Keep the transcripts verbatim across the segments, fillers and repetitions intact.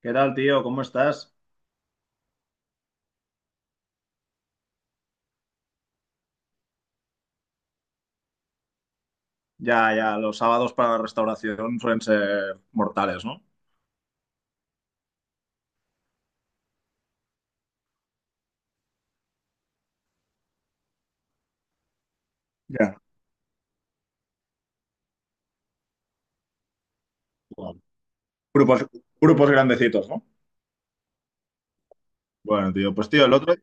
¿Qué tal, tío? ¿Cómo estás? Ya, ya, los sábados para la restauración suelen ser mortales, ¿no? Ya. Wow. Grupos, grupos grandecitos, ¿no? Bueno, tío, pues tío, el otro,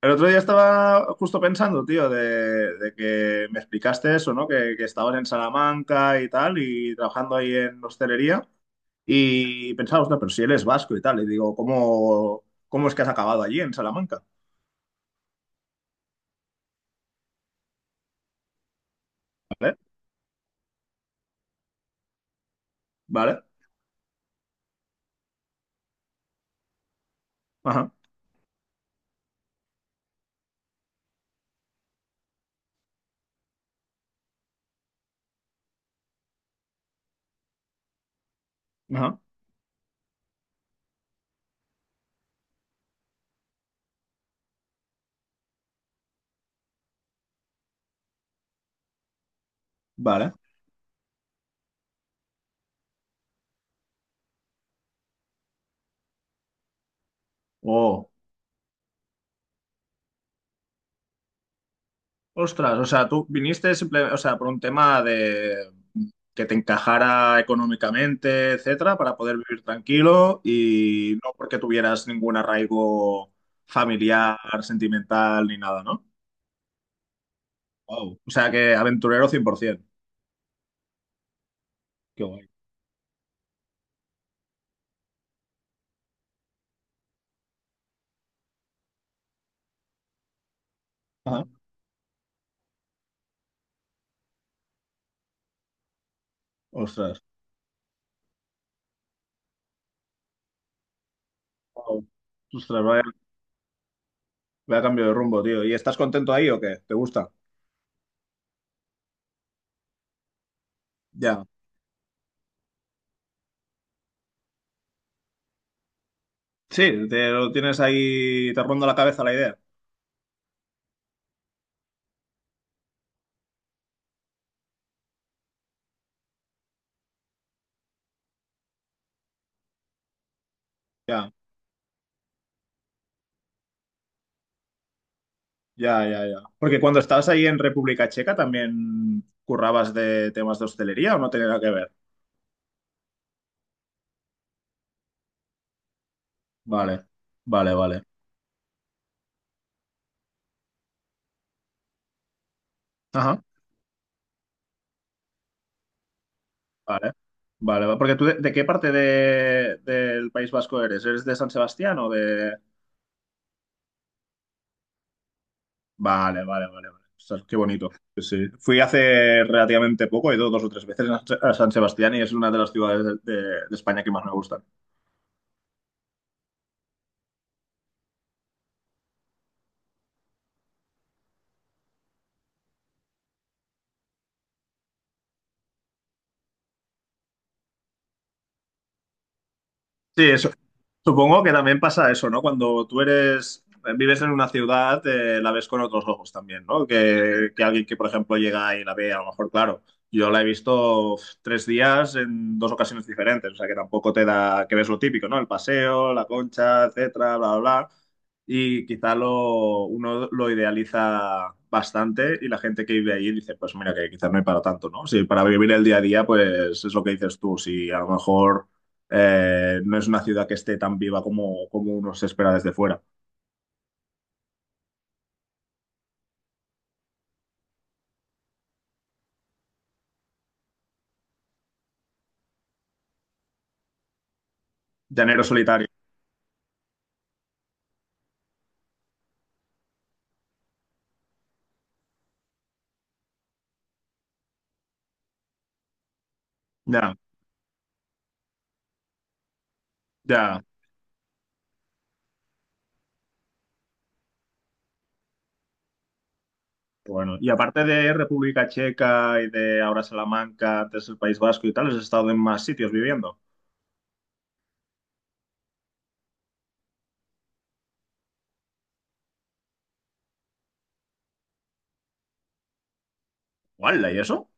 el otro día estaba justo pensando, tío, de, de que me explicaste eso, ¿no? Que, que estabas en Salamanca y tal, y trabajando ahí en hostelería, y pensaba, no, pero si él es vasco y tal, y digo, ¿cómo, ¿cómo es que has acabado allí en Salamanca? ¿Vale? ¿Vale? Ajá, ajá, vale. Oh. Ostras, o sea, tú viniste simple, o sea, por un tema de que te encajara económicamente, etcétera, para poder vivir tranquilo y no porque tuvieras ningún arraigo familiar, sentimental ni nada, ¿no? Wow. O sea, que aventurero cien por cien. Qué guay. Ajá. Ostras. Wow. Ostras, vaya, vaya cambio de rumbo, tío. ¿Y estás contento ahí o qué? ¿Te gusta? Ya. Sí, te lo tienes ahí, te ronda la cabeza la idea. Ya. Ya, ya, ya. Porque cuando estabas ahí en República Checa también currabas de temas de hostelería o no tenía nada que ver. Vale, vale, vale. Ajá, vale. Vale, va- porque tú de, de qué parte de, del País Vasco eres? ¿Eres de San Sebastián o de...? Vale, vale, vale, vale. Ostras, qué bonito. Sí, sí. Fui hace relativamente poco, he ido dos o tres veces a San Sebastián y es una de las ciudades de, de- de España que más me gustan. Sí, eso. Supongo que también pasa eso, ¿no? Cuando tú eres, vives en una ciudad, eh, la ves con otros ojos también, ¿no? Que, que alguien que, por ejemplo, llega y la ve, a lo mejor, claro, yo la he visto uf, tres días en dos ocasiones diferentes, o sea que tampoco te da, que ves lo típico, ¿no? El paseo, la concha, etcétera, bla, bla, bla. Y quizá lo, uno lo idealiza bastante y la gente que vive allí dice, pues mira, que quizás no hay para tanto, ¿no? Sí, para vivir el día a día, pues es lo que dices tú, si a lo mejor eh, no es una ciudad que esté tan viva como, como uno se espera desde fuera. Llanero solitario. Ya, ya. Bueno, y aparte de República Checa y de ahora Salamanca, antes el País Vasco y tal, has estado en más sitios viviendo. ¡Hala! ¿Y eso?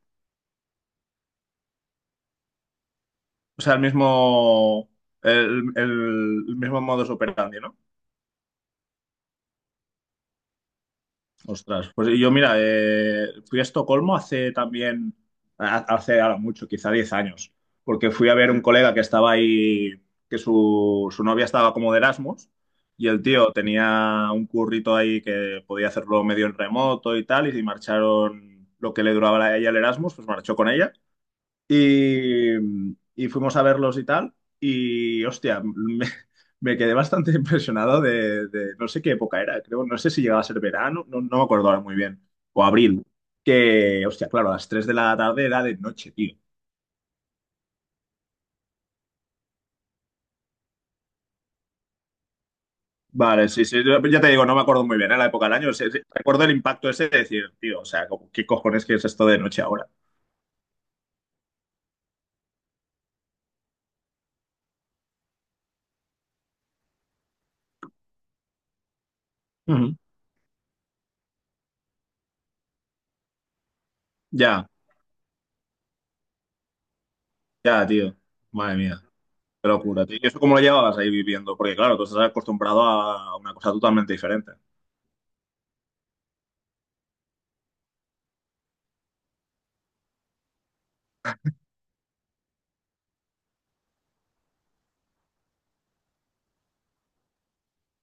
O sea, el mismo, el, el- el mismo modus operandi, ¿no? Ostras, pues yo mira, eh, fui a Estocolmo hace también, ha- hace ahora mucho, quizá diez años, porque fui a ver un colega que estaba ahí, que su, su novia estaba como de Erasmus, y el tío tenía un currito ahí que podía hacerlo medio en remoto y tal, y si marcharon lo que le duraba a ella el Erasmus, pues marchó con ella. Y, y fuimos a verlos y tal. Y hostia, me, me quedé bastante impresionado de, de- no sé qué época era, creo, no sé si llegaba a ser verano, no, no me acuerdo ahora muy bien, o abril, que hostia, claro, a las tres de la tarde era de noche, tío. Vale, sí, sí, yo- ya te digo, no me acuerdo muy bien, ¿eh? La época del año, sí, sí, recuerdo el impacto ese de decir, tío, o sea, como, ¿qué cojones que es esto de noche ahora? Ujú. Ya, ya, tío, madre mía. Qué locura, tío. ¿Y eso cómo lo llevabas ahí viviendo? Porque claro, tú estás acostumbrado a una cosa totalmente diferente.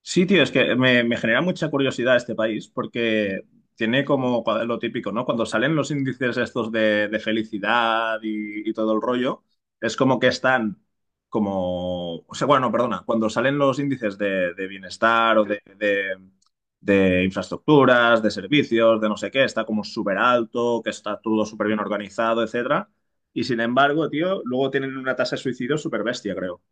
Sí, tío, es que me, me genera mucha curiosidad este país porque tiene como cua- lo típico, ¿no? Cuando salen los índices estos de, de felicidad y, y todo el rollo, es como que están como, o sea, bueno, perdona, cuando salen los índices de, de bienestar o de, de, de infraestructuras, de servicios, de no sé qué, está como súper alto, que está todo súper bien organizado, etcétera. Y sin embargo, tío, luego tienen una tasa de suicidio súper bestia, creo.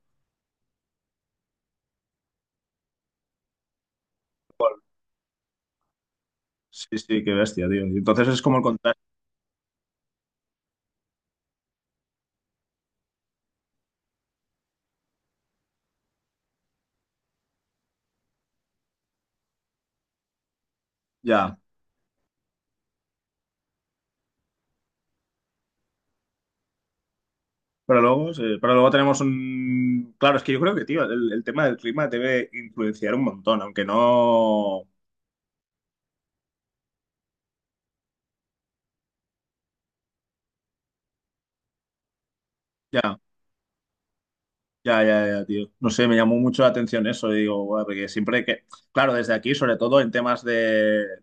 Sí, sí, qué bestia, tío. Entonces es como el contrario. Ya, pero luego, sí, pero luego tenemos un... Claro, es que yo creo que, tío, el, el tema del clima debe influenciar un montón, aunque no... Ya, ya, ya, ya, tío. No sé, me llamó mucho la atención eso, y digo, "Buah", porque siempre que... Claro, desde aquí, sobre todo en temas de,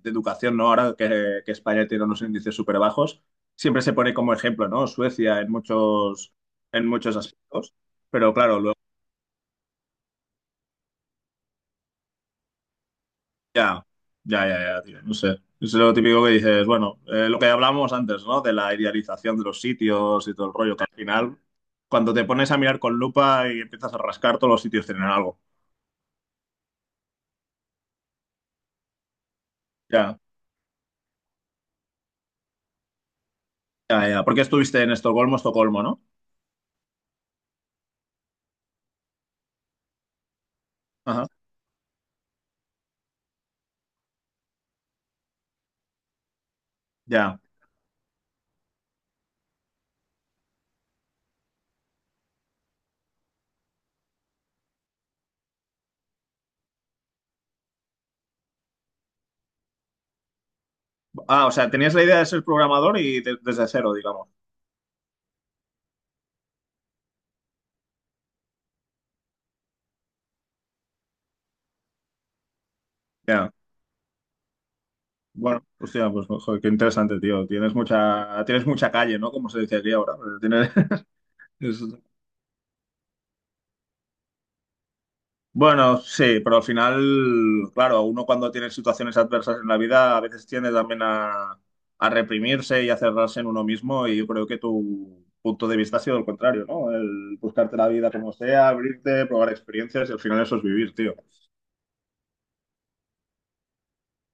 de educación, ¿no? Ahora que, que España tiene unos índices súper bajos, siempre se pone como ejemplo, ¿no? Suecia en muchos, en muchos aspectos, pero claro, ya, ya, ya, ya, tío, no sé. Es lo típico que dices, bueno, eh, lo que hablamos antes, ¿no? De la idealización de los sitios y todo el rollo, que al final, cuando te pones a mirar con lupa y empiezas a rascar, todos los sitios tienen algo. Ya, ya, ya. Porque estuviste en Estocolmo, Estocolmo, ¿no? Ajá, ya. Ah, o sea, tenías la idea de ser programador y de- desde cero, digamos. Ya. Bueno, hostia, pues joder, qué interesante, tío. Tienes mucha, tienes mucha calle, ¿no? Como se dice aquí ahora. Tienes, bueno, sí, pero al final, claro, uno cuando tiene situaciones adversas en la vida a veces tiende también a, a reprimirse y a cerrarse en uno mismo y yo creo que tu punto de vista ha sido el contrario, ¿no? El buscarte la vida como sea, abrirte, probar experiencias y al final eso es vivir, tío.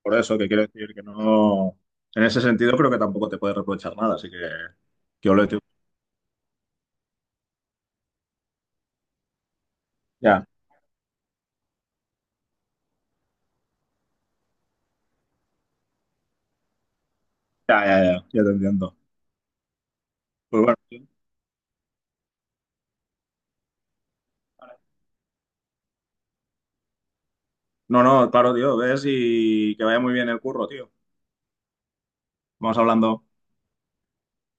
Por eso que quiero decir que no, en ese sentido creo que tampoco te puedes reprochar nada, así que que ole tú. Ya, ya, ya, ya, ya te entiendo. Pues bueno, tío. No, no, claro, tío, ves y que vaya muy bien el curro, tío. Vamos hablando.